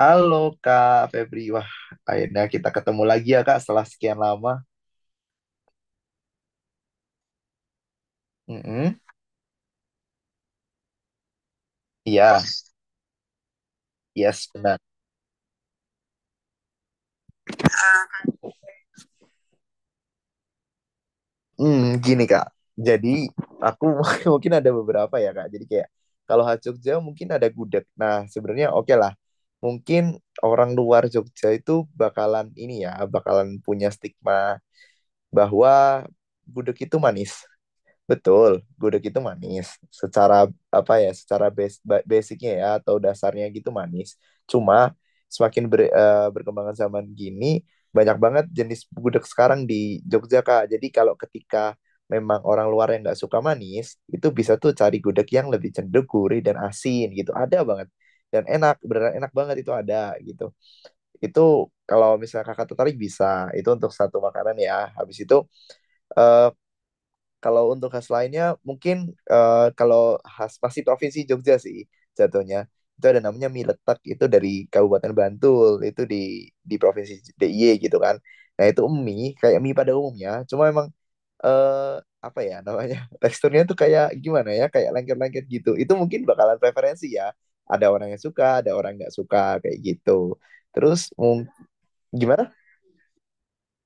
Halo Kak Febri, wah akhirnya kita ketemu lagi ya Kak setelah sekian lama. Mm-mm. Iya, yes benar. Hmm, Gini Kak, jadi aku mungkin ada beberapa ya Kak. Jadi kayak kalau khas Jogja mungkin ada gudeg. Nah sebenarnya oke lah, mungkin orang luar Jogja itu bakalan ini ya, bakalan punya stigma bahwa gudeg itu manis. Betul, gudeg itu manis. Secara apa ya? Secara basicnya ya atau dasarnya gitu manis. Cuma semakin berkembangan zaman gini, banyak banget jenis gudeg sekarang di Jogja Kak. Jadi kalau ketika memang orang luar yang nggak suka manis, itu bisa tuh cari gudeg yang lebih cenderung gurih dan asin gitu. Ada banget dan enak, beneran enak banget itu ada gitu. Itu kalau misalnya kakak tertarik bisa. Itu untuk satu makanan ya. Habis itu eh, kalau untuk khas lainnya mungkin kalau khas pasti provinsi Jogja sih jatuhnya. Itu ada namanya mie letek itu dari Kabupaten Bantul itu di provinsi DIY gitu kan. Nah itu mie kayak mie pada umumnya, cuma emang eh apa ya namanya teksturnya tuh kayak gimana ya kayak lengket-lengket gitu. Itu mungkin bakalan preferensi ya. Ada orang yang suka, ada orang nggak suka kayak gitu. Terus mung- Gimana?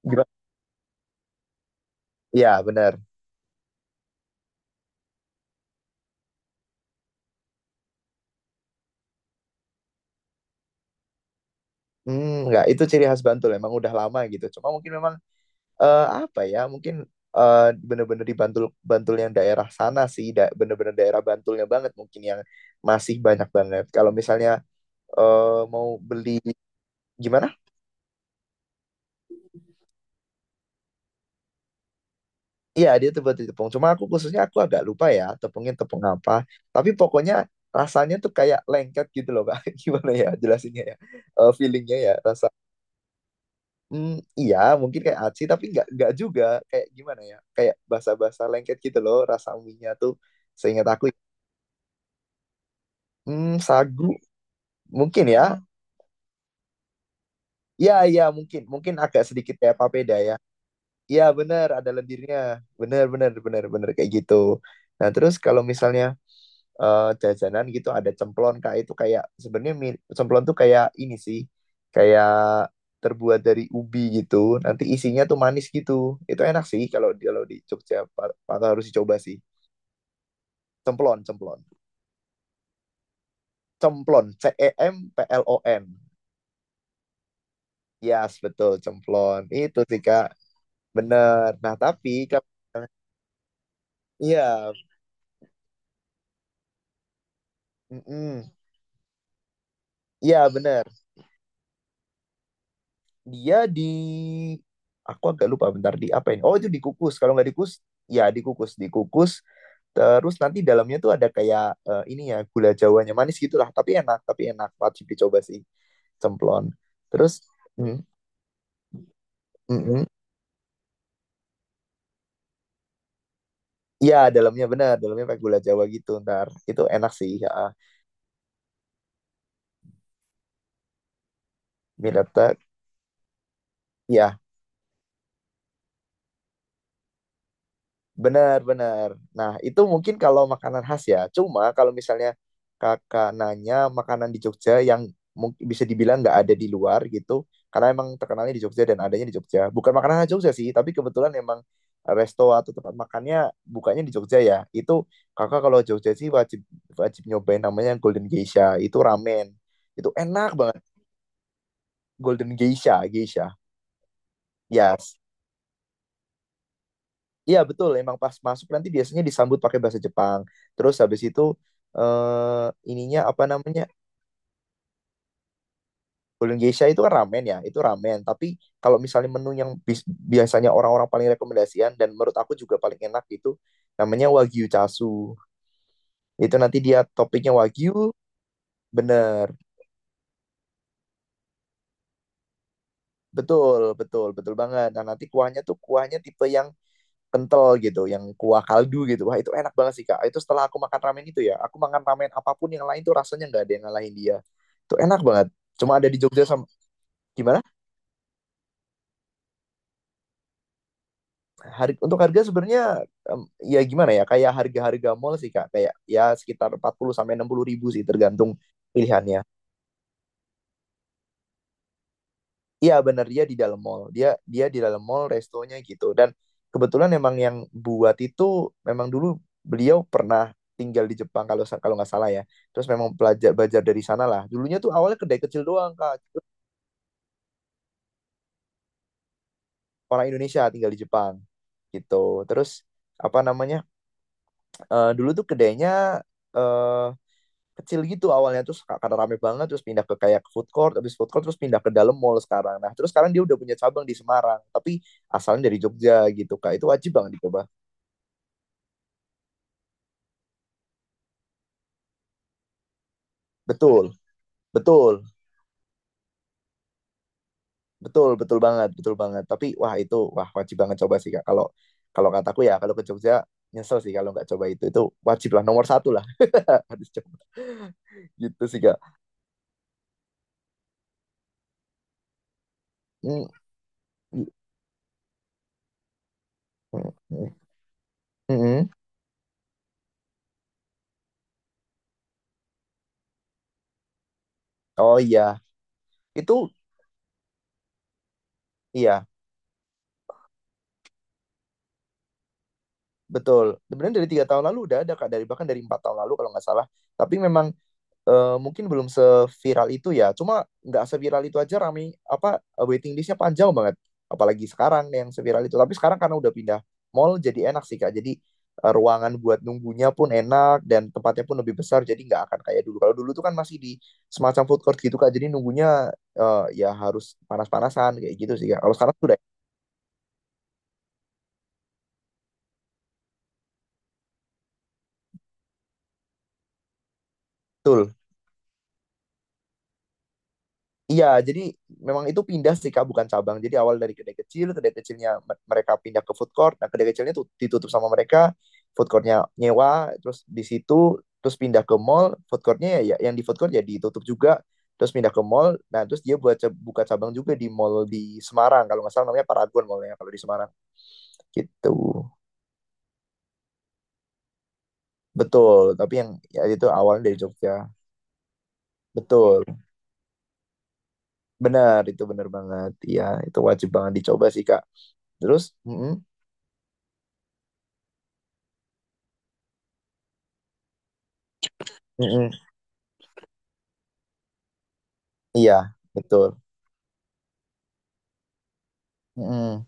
Gimana? Ya benar. Nggak, itu ciri khas Bantul. Emang udah lama gitu. Cuma mungkin memang apa ya mungkin eh, bener-bener di Bantul Bantul yang daerah sana sih bener-bener daerah Bantulnya banget mungkin yang masih banyak banget kalau misalnya mau beli. Gimana? Iya, dia tuh buat tepung, cuma aku khususnya aku agak lupa ya tepungnya tepung apa, tapi pokoknya rasanya tuh kayak lengket gitu loh Kak. Gimana ya jelasinnya ya? Feelingnya ya rasa. Hmm, iya, mungkin kayak aci tapi nggak juga. Kayak gimana ya? Kayak basa-basa lengket gitu loh rasa mie nya tuh seingat aku. Hmm, sagu. Mungkin ya. Iya, iya, mungkin. Mungkin agak sedikit kayak papeda ya. Iya, bener, ada lendirnya. Bener, bener, bener, bener, kayak gitu. Nah, terus kalau misalnya jajanan gitu ada cemplon, Kak, itu kayak sebenarnya cemplon tuh kayak ini sih. Kayak terbuat dari ubi gitu. Nanti isinya tuh manis gitu. Itu enak sih kalau kalau di Jogja harus dicoba sih. Cemplon, cemplon. Cemplon, C E M P L O N. Yes, betul, cemplon. Itu sih, Kak. Bener. Nah, tapi kalau. Iya, mm-mm. Iya benar. Dia di, aku agak lupa bentar di apa ini. Oh itu dikukus. Kalau nggak dikukus, ya dikukus, dikukus. Terus nanti dalamnya tuh ada kayak ini ya gula jawanya manis gitulah. Tapi enak, tapi enak. Wajib dicoba sih cemplon. Terus, mm, mm-mm. Iya dalamnya benar, dalamnya pakai gula Jawa gitu ntar. Itu enak sih. Ya. Mie letek, ya. Benar, benar. Nah, itu mungkin kalau makanan khas ya. Cuma kalau misalnya kakak nanya makanan di Jogja yang mungkin bisa dibilang nggak ada di luar gitu, karena emang terkenalnya di Jogja dan adanya di Jogja. Bukan makanan khas Jogja sih, tapi kebetulan emang resto atau tempat makannya bukanya di Jogja ya. Itu kakak kalau Jogja sih wajib wajib nyobain namanya Golden Geisha. Itu ramen. Itu enak banget. Golden Geisha, Geisha. Yes. Iya betul, emang pas masuk nanti biasanya disambut pakai bahasa Jepang. Terus habis itu eh ininya apa namanya? Golden Geisha itu kan ramen ya, itu ramen. Tapi kalau misalnya menu yang biasanya orang-orang paling rekomendasian dan menurut aku juga paling enak itu namanya Wagyu Chasu. Itu nanti dia topiknya Wagyu, bener. Betul, betul, betul banget. Nah, nanti kuahnya tuh kuahnya tipe yang kental gitu, yang kuah kaldu gitu. Wah itu enak banget sih Kak. Itu setelah aku makan ramen itu ya, aku makan ramen apapun yang lain tuh rasanya nggak ada yang ngalahin dia. Itu enak banget. Cuma ada di Jogja sama. Gimana? Untuk harga sebenarnya em, ya gimana ya? Kayak harga-harga mall sih Kak. Kayak ya sekitar 40 sampai 60 ribu sih tergantung pilihannya. Iya bener dia di dalam mall. Dia dia di dalam mall restonya gitu. Dan kebetulan emang yang buat itu memang dulu beliau pernah tinggal di Jepang kalau kalau nggak salah ya. Terus memang belajar belajar dari sana lah. Dulunya tuh awalnya kedai kecil doang Kak. Terus. Orang Indonesia tinggal di Jepang gitu. Terus apa namanya? Dulu tuh kedainya eh kecil gitu awalnya terus karena rame banget terus pindah ke kayak food court, habis food court terus pindah ke dalam mall sekarang. Nah terus sekarang dia udah punya cabang di Semarang tapi asalnya dari Jogja gitu Kak. Itu wajib banget dicoba. Betul, betul, betul, betul banget, betul banget. Tapi wah itu wah wajib banget coba sih Kak, kalau kalau kataku ya, kalau ke Jogja nyesel sih kalau nggak coba Itu wajib lah, nomor satu lah. Harus coba gitu sih Kak. Mm, mm, mm, mm. Oh iya itu. Iya. Betul. Sebenarnya dari 3 tahun lalu udah ada Kak, dari bahkan dari 4 tahun lalu kalau nggak salah. Tapi memang mungkin belum seviral itu ya. Cuma nggak seviral itu aja rame apa waiting listnya panjang banget. Apalagi sekarang yang seviral itu. Tapi sekarang karena udah pindah mall jadi enak sih Kak. Jadi ruangan buat nunggunya pun enak dan tempatnya pun lebih besar. Jadi nggak akan kayak dulu. Kalau dulu tuh kan masih di semacam food court gitu Kak. Jadi nunggunya ya harus panas-panasan kayak gitu sih Kak. Kalau sekarang sudah betul. Iya, jadi memang itu pindah sih Kak, bukan cabang. Jadi awal dari kedai kecil, kedai kecilnya mereka pindah ke food court. Nah, kedai kecilnya tuh ditutup sama mereka, food courtnya nyewa, terus di situ terus pindah ke mall, food courtnya ya yang di food court ya ditutup juga, terus pindah ke mall. Nah, terus dia buat buka cabang juga di mall di Semarang, kalau nggak salah namanya Paragon mallnya kalau di Semarang. Gitu. Betul, tapi yang ya itu awalnya dari Jogja. Betul, benar itu benar banget. Iya, itu wajib banget dicoba sih Kak. Terus, mm. Iya, betul. Mhm.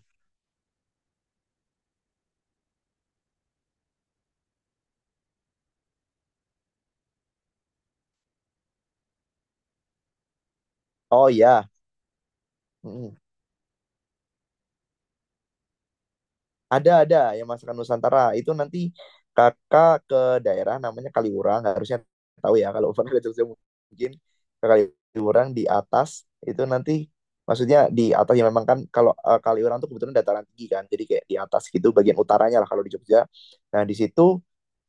Oh iya, mhm. Ada, yang masakan Nusantara itu nanti kakak ke daerah namanya Kaliurang, harusnya tahu ya kalau pernah ke Jogja, mungkin ke Kaliurang di atas. Itu nanti maksudnya di atas ya, memang kan kalau Kaliurang tuh kebetulan dataran tinggi kan, jadi kayak di atas gitu bagian utaranya lah kalau di Jogja. Nah di situ.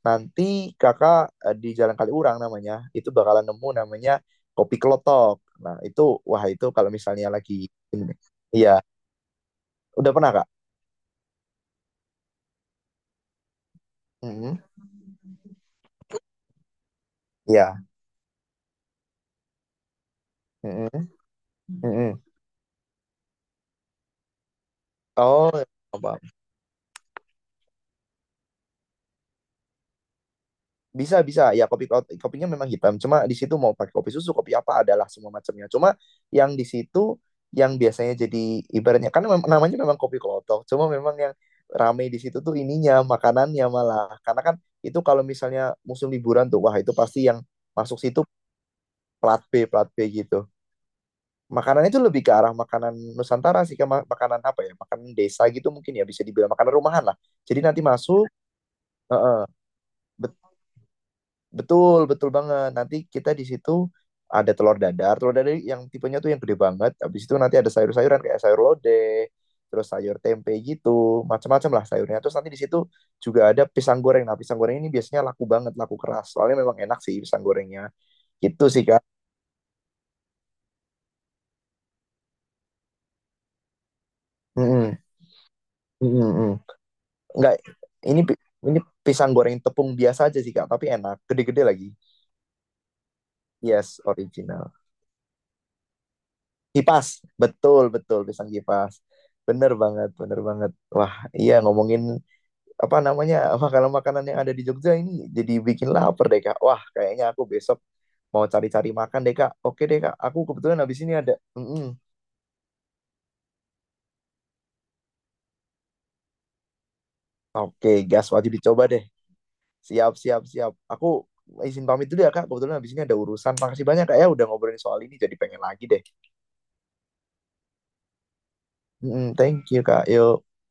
Nanti kakak di Jalan Kaliurang namanya, itu bakalan nemu namanya Kopi Kelotok. Nah, itu, wah itu kalau misalnya lagi ini. Iya, udah pernah, Kak? Mm-mm. Iya. Mm-mm. Mm-mm. Oh, apa? Bisa, bisa. Ya kopi kopinya memang hitam. Cuma di situ mau pakai kopi susu, kopi apa adalah semua macamnya. Cuma yang di situ yang biasanya jadi ibaratnya kan namanya memang kopi klotok. Cuma memang yang ramai di situ tuh ininya, makanannya malah. Karena kan itu kalau misalnya musim liburan tuh, wah itu pasti yang masuk situ plat B gitu. Makanannya itu lebih ke arah makanan Nusantara sih, ke makanan apa ya, makanan desa gitu mungkin ya bisa dibilang makanan rumahan lah. Jadi nanti masuk, heeh. Betul, betul banget. Nanti kita di situ ada telur dadar yang tipenya tuh yang gede banget. Habis itu nanti ada sayur-sayuran kayak sayur lodeh, terus sayur tempe gitu, macam-macam lah sayurnya. Terus nanti di situ juga ada pisang goreng. Nah, pisang goreng ini biasanya laku banget, laku keras. Soalnya memang enak sih pisang gorengnya. Gitu sih, Kak. Mm-mm, mm-mm, mm. Enggak, ini ini pisang goreng tepung biasa aja sih, Kak, tapi enak, gede-gede lagi. Yes, original. Kipas, betul, betul pisang kipas. Bener banget, bener banget. Wah iya, ngomongin apa namanya makanan-makanan yang ada di Jogja ini jadi bikin lapar deh Kak. Wah kayaknya aku besok mau cari-cari makan deh Kak. Oke deh Kak, aku kebetulan habis ini ada. Mm-mm. Oke gas, wajib dicoba deh. Siap, siap, siap. Aku izin pamit dulu ya Kak, kebetulan habis ini ada urusan. Makasih banyak Kak, ya udah ngobrolin soal ini, jadi pengen lagi deh. Mm-mm, thank you Kak, yo.